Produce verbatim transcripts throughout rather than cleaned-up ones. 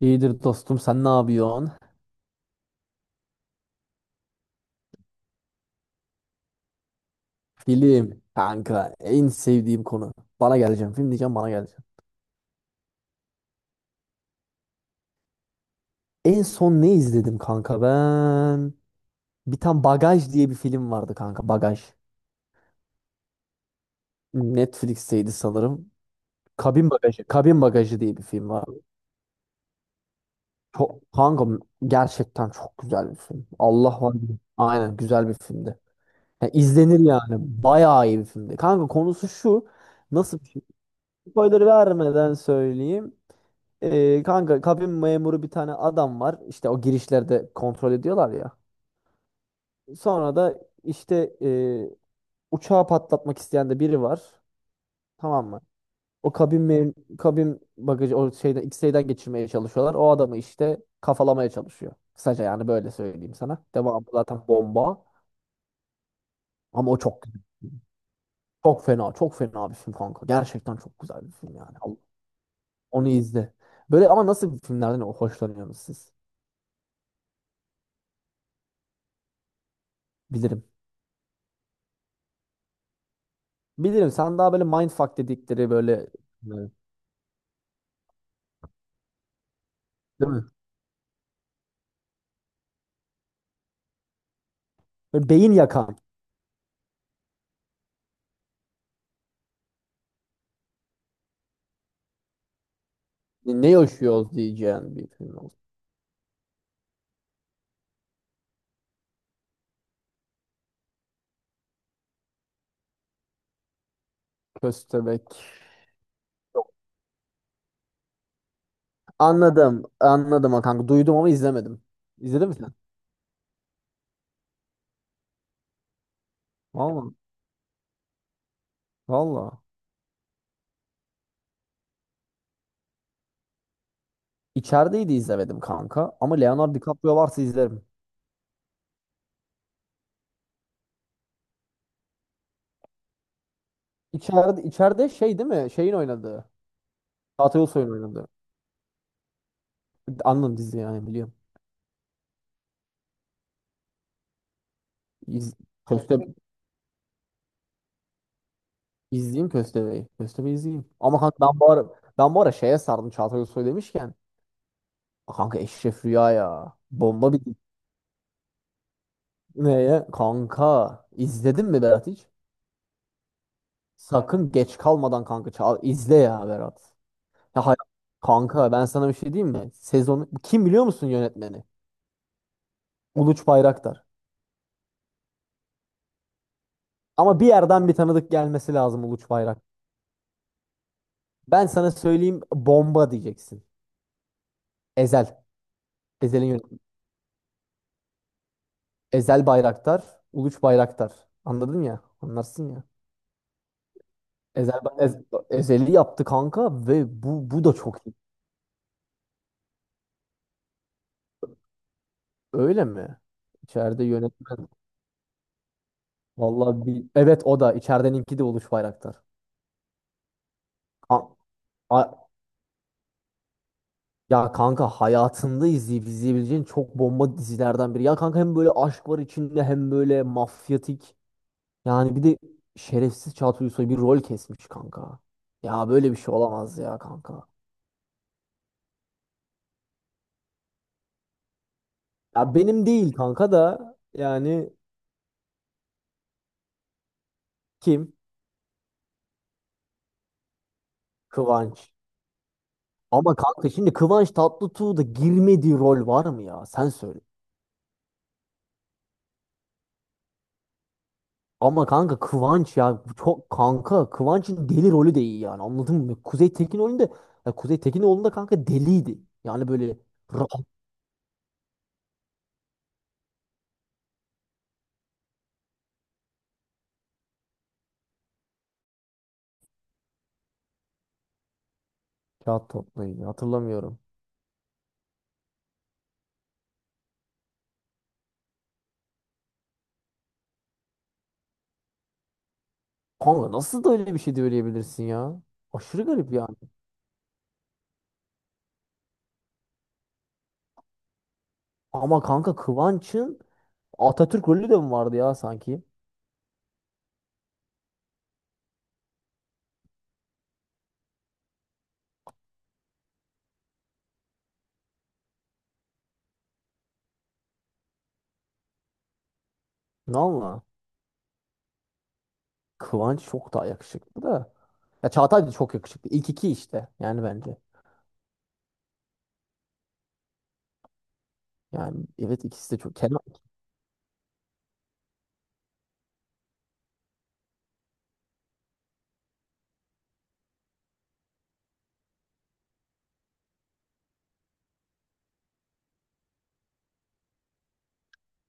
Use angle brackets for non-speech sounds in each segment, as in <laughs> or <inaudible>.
İyidir dostum, sen ne yapıyorsun? Film kanka, en sevdiğim konu. Bana geleceğim film diyeceğim, bana geleceğim. En son ne izledim kanka ben? Bir tane Bagaj diye bir film vardı kanka, Bagaj. Netflix'teydi sanırım. Kabin Bagajı. Kabin Bagajı diye bir film var. Çok, kanka gerçekten çok güzel bir film. Allah var. Aynen, güzel bir filmdi. Yani izlenir yani. Bayağı iyi bir filmdi. Kanka konusu şu. Nasıl bir şey? Spoiler vermeden söyleyeyim. Ee, kanka kabin memuru bir tane adam var. İşte o girişlerde kontrol ediyorlar ya. Sonra da işte e, uçağı patlatmak isteyen de biri var. Tamam mı? O kabin mem Kabin bagajı o şeyden X-ray'den geçirmeye çalışıyorlar. O adamı işte kafalamaya çalışıyor. Kısaca yani böyle söyleyeyim sana. Devamı zaten bomba. Ama o çok güzel. Çok fena. Çok fena bir film kanka. Gerçekten çok güzel bir film yani. Allah- Onu izle. Böyle, ama nasıl filmlerden hoşlanıyorsunuz siz? Bilirim. Bilirim, sen daha böyle mindfuck dedikleri böyle, evet, değil mi? Böyle beyin yakan. Ne yaşıyoruz diyeceğin bir film oldu. Köstebek. Anladım. Anladım ha kanka. Duydum ama izlemedim. İzledin mi sen? Valla. Valla. İçerideydi, izlemedim kanka. Ama Leonardo DiCaprio varsa izlerim. İçeride, içeride şey değil mi? Şeyin oynadığı. Çağatay Ulusoy'un oynadığı. Anladım, dizi yani biliyorum. İz, Köste, izleyeyim Köstebeği. Köstebeği izleyeyim. Ama kanka ben bu ara, ben bu ara şeye sardım Çağatay Ulusoy demişken. Kanka Eşref Rüya ya. Bomba bir <laughs> neye? Kanka izledin mi Berat hiç? Sakın geç kalmadan kanka çal, izle ya Berat. Ya hay- Kanka ben sana bir şey diyeyim mi? Sezonu kim, biliyor musun yönetmeni? Uluç Bayraktar. Ama bir yerden bir tanıdık gelmesi lazım, Uluç Bayrak. Ben sana söyleyeyim, bomba diyeceksin. Ezel. Ezel'in yönetmeni. Ezel Bayraktar, Uluç Bayraktar. Anladın ya? Anlarsın ya. Ezel, Ez- Ezel'i yaptı kanka ve bu bu da çok iyi. Öyle mi? İçeride yönetmen. Vallahi bir... Evet o da. İçerideninki de Uluç Bayraktar. Ka- A- ya kanka, hayatında izleyip izleyebileceğin çok bomba dizilerden biri. Ya kanka, hem böyle aşk var içinde hem böyle mafyatik. Yani bir de şerefsiz Çağatay Ulusoy bir rol kesmiş kanka. Ya böyle bir şey olamaz ya kanka. Ya benim değil kanka da yani kim? Kıvanç. Ama kanka şimdi Kıvanç Tatlıtuğ'da girmediği rol var mı ya? Sen söyle. Ama kanka Kıvanç ya bu çok, kanka Kıvanç'ın deli rolü de iyi yani, anladın mı? Kuzey Tekin rolünde, ya Kuzey Tekinoğlu'nda kanka deliydi. Yani böyle rahat. Kağıt toplayın hatırlamıyorum. Kanka nasıl da öyle bir şey söyleyebilirsin ya? Aşırı garip yani. Ama kanka Kıvanç'ın Atatürk rolü de mi vardı ya sanki? Valla Kıvanç çok daha yakışıklı da. Ya Çağatay da çok yakışıklı. İlk iki işte yani, bence. Yani evet, ikisi de çok. Kenan.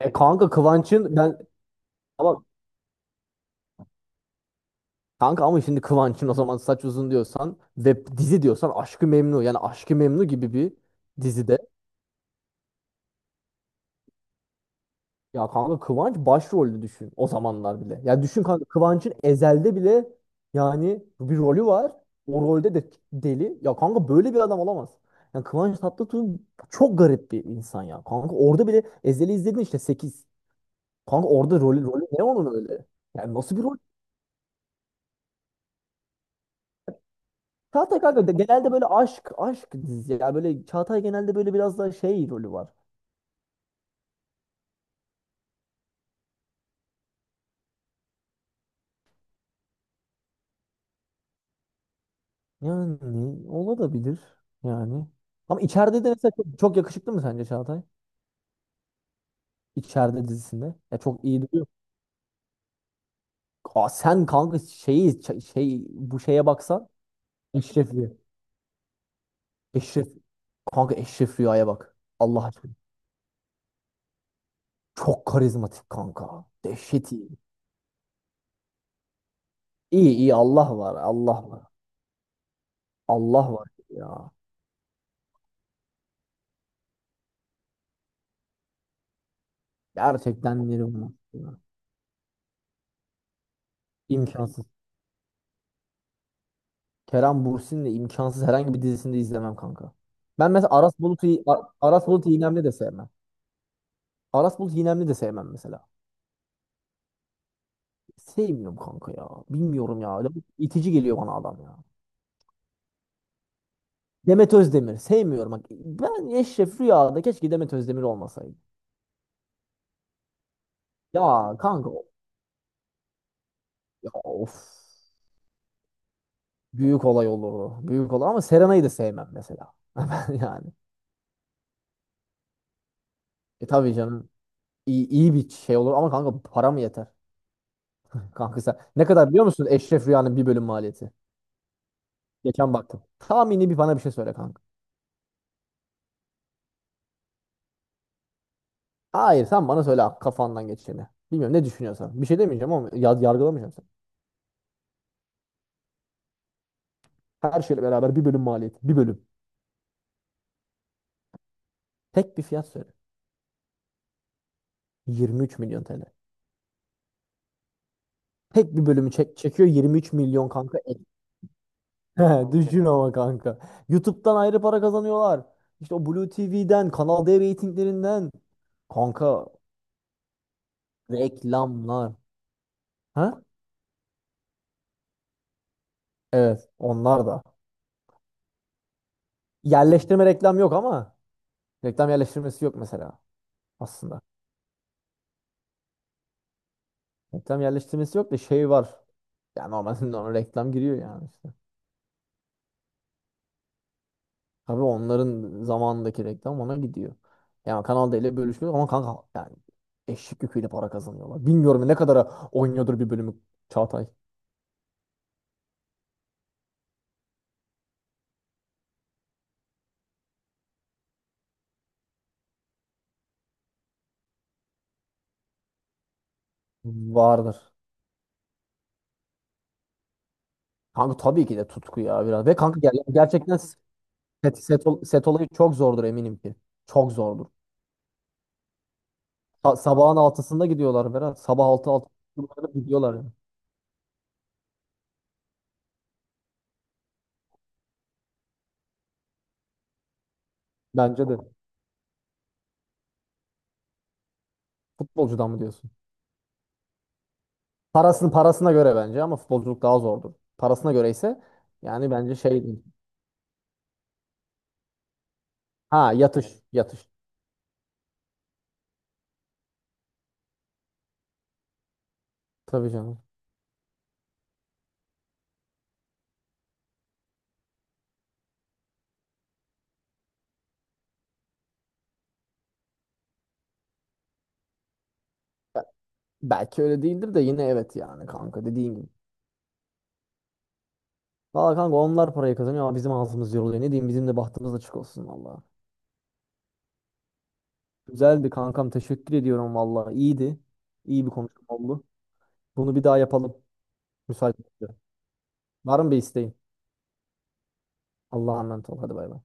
E kanka Kıvanç'ın ben, ama kanka, ama şimdi Kıvanç'ın o zaman saç uzun diyorsan ve dizi diyorsan, Aşk-ı Memnu, yani Aşk-ı Memnu gibi bir dizide. Ya kanka Kıvanç başrolde düşün o zamanlar bile. Ya düşün kanka, Kıvanç'ın Ezel'de bile yani bir rolü var. O rolde de deli. Ya kanka böyle bir adam olamaz. Yani Kıvanç Tatlıtuğ çok garip bir insan ya. Kanka orada bile Ezel'i izledin işte sekiz. Kanka orada rolü, rolü ne onun öyle? Yani nasıl bir rol? Çağatay kanka de- genelde böyle aşk aşk dizisi. Ya böyle Çağatay genelde böyle biraz daha şey rolü var. Yani olabilir yani. Ama içeride de mesela çok, çok yakışıklı mı sence Çağatay? İçeride dizisinde. Ya çok iyi duruyor. Aa, sen kanka şeyi ç- şey, bu şeye baksan, Eşref Rüya. Eşref, kanka Eşref Rüya'ya bak. Allah aşkına. Çok karizmatik kanka. Dehşet iyi. İyi iyi, Allah var. Allah var. Allah var ya. Gerçekten derim bunu. Ya. İmkansız. Kerem Bürsin'le imkansız, herhangi bir dizisinde izlemem kanka. Ben mesela Aras Bulut'u Ar- Aras Bulut İynemli de sevmem. Aras Bulut İynemli de sevmem mesela. Sevmiyorum kanka ya. Bilmiyorum ya. Adam İtici geliyor bana adam ya. Demet Özdemir. Sevmiyorum. Bak, ben Eşref Rüya'da keşke Demet Özdemir olmasaydı. Ya kanka ya of. Büyük olay olurdu. Büyük olay, ama Serenay'ı da sevmem mesela. <laughs> Yani. E tabii canım. İyi, iyi bir şey olur ama kanka, para mı yeter? Kanka sen ne kadar biliyor musun Eşref Rüya'nın bir bölüm maliyeti? Geçen baktım. Tahmini bir, bana bir şey söyle kanka. Hayır, sen bana söyle kafandan geçeni. Bilmiyorum ne düşünüyorsan. Bir şey demeyeceğim ama ya- yargılamayacağım. Her şeyle beraber bir bölüm maliyeti. Bir bölüm. Tek bir fiyat söyle. yirmi üç milyon T L. Tek bir bölümü çek çekiyor yirmi üç milyon kanka. Ek. <laughs> Düşün ama kanka. YouTube'dan ayrı para kazanıyorlar. İşte o Blue T V'den, Kanal D reytinglerinden. Kanka reklamlar. Ha? Evet, onlar da. Yerleştirme reklam yok ama reklam yerleştirmesi yok mesela aslında. Reklam yerleştirmesi yok da şey var. Yani normalde <laughs> ona reklam giriyor yani. Tabii onların zamanındaki reklam ona gidiyor. Yani Kanal D ile bölüşüyor ama kanka yani eşek yüküyle para kazanıyorlar. Bilmiyorum ne kadara oynuyordur bir bölümü Çağatay. Vardır. Kanka tabii ki de tutku ya biraz. Ve kanka ger- gerçekten set, set, ol- set olayı çok zordur eminim ki. Çok zordur. Sa- sabahın altısında gidiyorlar Berat. Sabah altı altı gidiyorlar yani. Bence de. Futbolcudan mı diyorsun? Parasını parasına göre bence ama futbolculuk daha zordur. Parasına göre ise yani bence şey. Ha yatış yatış. Tabii canım. Be- Belki öyle değildir de yine, evet yani kanka, dediğin gibi. Valla kanka onlar parayı kazanıyor ama bizim ağzımız yoruluyor. Ne diyeyim, bizim de bahtımız açık olsun valla. Güzeldi kankam, teşekkür ediyorum valla. İyiydi. İyi bir konuşma oldu. Bunu bir daha yapalım. Müsait olunca. Var mı bir isteğin? Allah'a emanet ol. Hadi bay bay.